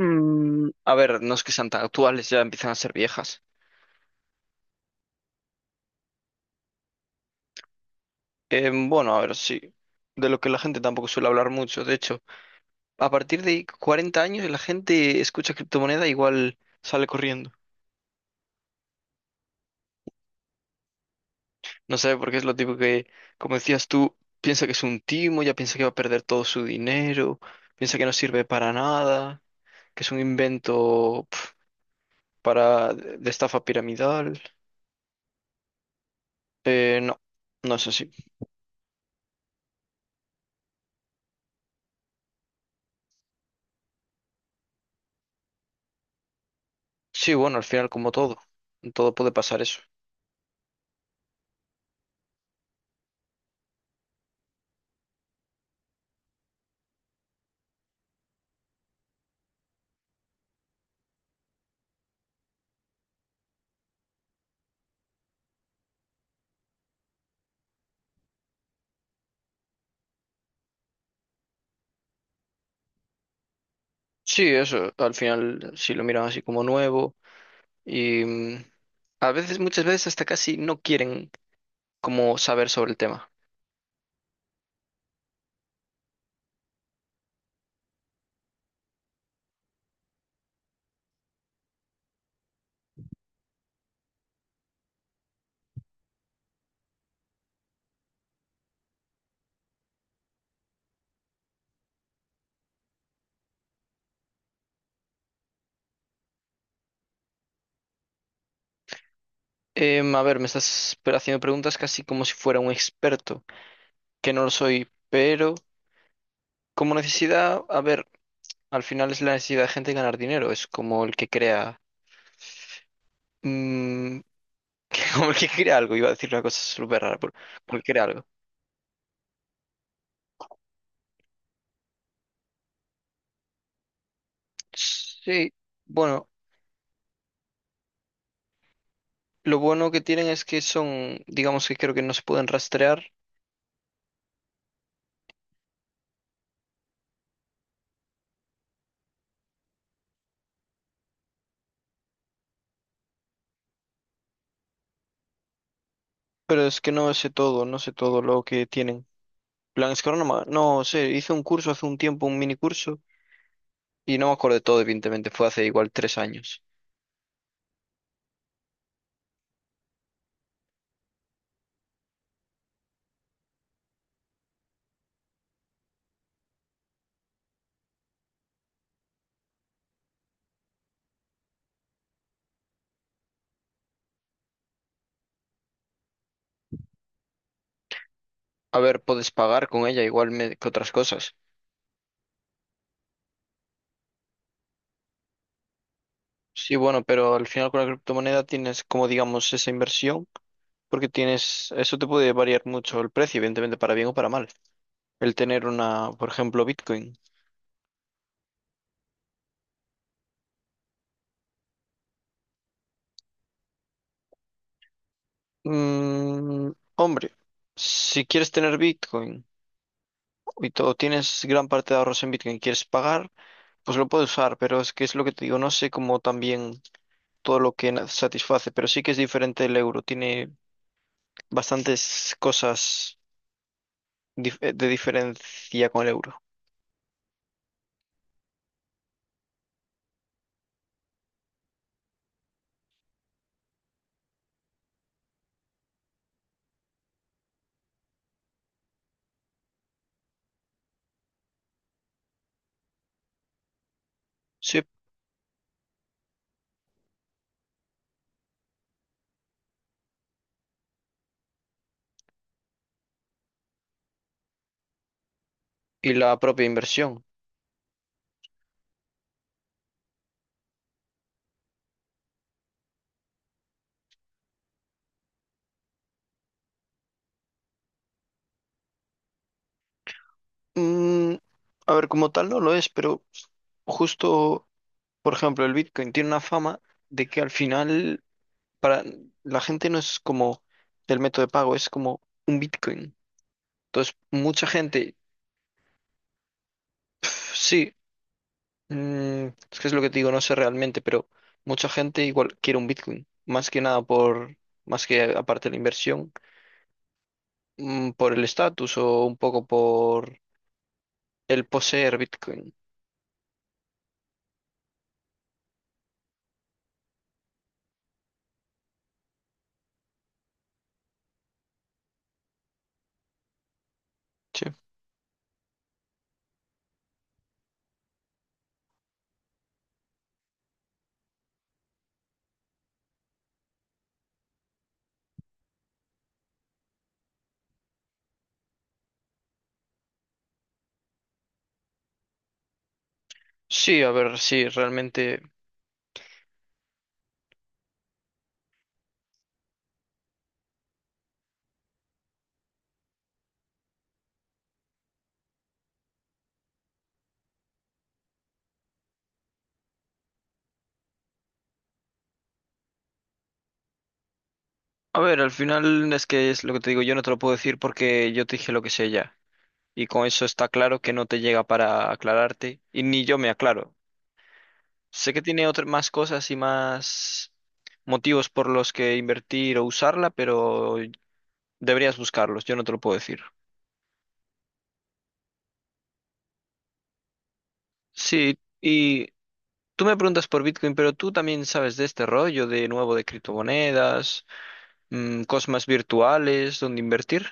No es que sean tan actuales, ya empiezan a ser viejas. Sí. De lo que la gente tampoco suele hablar mucho. De hecho, a partir de 40 años la gente escucha criptomoneda igual sale corriendo. No sé, porque es lo tipo que, como decías tú, piensa que es un timo, ya piensa que va a perder todo su dinero, piensa que no sirve para nada, que es un invento para de estafa piramidal. No, no es así. Sí, bueno, al final como todo, en todo puede pasar eso. Sí, eso, al final sí lo miran así como nuevo y a veces, muchas veces hasta casi no quieren como saber sobre el tema. Me estás haciendo preguntas casi como si fuera un experto, que no lo soy, pero como necesidad, a ver, al final es la necesidad de gente de ganar dinero, es como el que crea, mm, como el que crea algo, iba a decir una cosa súper rara, pero como el que crea algo. Sí, bueno, lo bueno que tienen es que son, digamos que creo que no se pueden rastrear. Pero es que no sé todo lo que tienen. Plan, es que ahora no, no sé, hice un curso hace un tiempo, un mini curso, y no me acuerdo de todo, evidentemente, fue hace igual 3 años. A ver, puedes pagar con ella igual que otras cosas. Sí, bueno, pero al final con la criptomoneda tienes como digamos esa inversión, porque tienes, eso te puede variar mucho el precio, evidentemente, para bien o para mal. El tener una, por ejemplo, Bitcoin. Hombre, si quieres tener Bitcoin y todo, tienes gran parte de ahorros en Bitcoin, quieres pagar. Pues lo puedo usar, pero es que es lo que te digo, no sé cómo también todo lo que satisface, pero sí que es diferente el euro, tiene bastantes cosas de diferencia con el euro. Sí, y la propia inversión. Mm, Como tal no lo es, pero justo, por ejemplo, el Bitcoin tiene una fama de que al final para la gente no es como el método de pago, es como un Bitcoin. Entonces, mucha gente, sí. Es que es lo que te digo, no sé realmente, pero mucha gente igual quiere un Bitcoin, más que nada por, más que aparte de la inversión, por el estatus o un poco por el poseer Bitcoin. Sí. Sí, a ver, sí, realmente. A ver, al final es que es lo que te digo, yo no te lo puedo decir porque yo te dije lo que sé ya. Y con eso está claro que no te llega para aclararte y ni yo me aclaro. Sé que tiene otras más cosas y más motivos por los que invertir o usarla, pero deberías buscarlos, yo no te lo puedo decir. Sí, y tú me preguntas por Bitcoin, pero tú también sabes de este rollo de nuevo de criptomonedas, cosas más virtuales, donde invertir.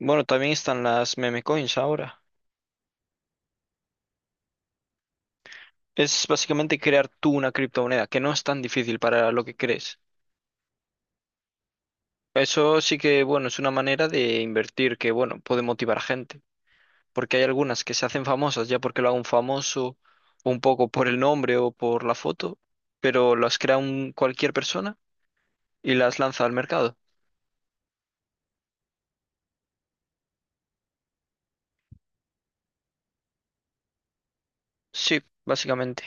Bueno, también están las meme coins ahora. Es básicamente crear tú una criptomoneda, que no es tan difícil para lo que crees. Eso sí que, bueno, es una manera de invertir que, bueno, puede motivar a gente, porque hay algunas que se hacen famosas ya porque lo haga un famoso, un poco por el nombre o por la foto, pero las crea un, cualquier persona y las lanza al mercado. Sí, básicamente.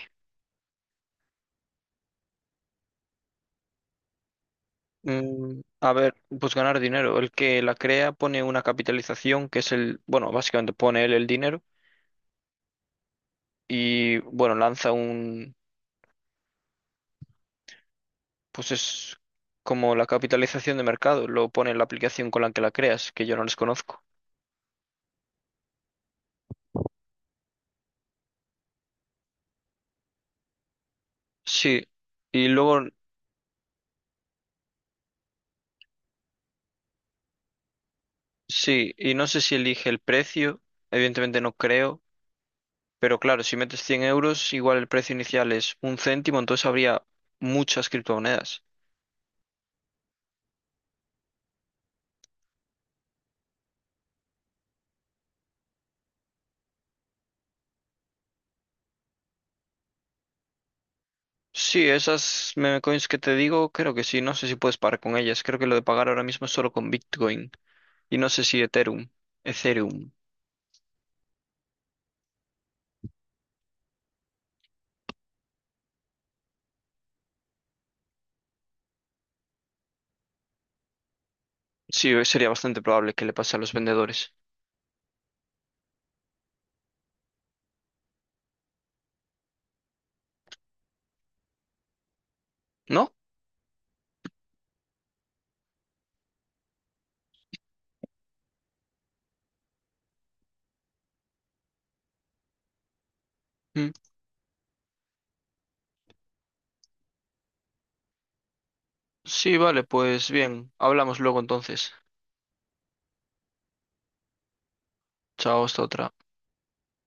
Pues ganar dinero. El que la crea pone una capitalización que es el, bueno, básicamente pone él el dinero y, bueno, lanza pues es como la capitalización de mercado, lo pone en la aplicación con la que la creas, que yo no les conozco. Sí, y luego, no sé si elige el precio, evidentemente no creo, pero claro, si metes 100 euros, igual el precio inicial es un céntimo, entonces habría muchas criptomonedas. Sí, esas meme coins que te digo, creo que sí. No sé si puedes pagar con ellas. Creo que lo de pagar ahora mismo es solo con Bitcoin. Y no sé si Ethereum. Ethereum. Sí, sería bastante probable que le pase a los vendedores. ¿No? Mm. Sí, vale, pues bien. Hablamos luego entonces. Chao, hasta otra.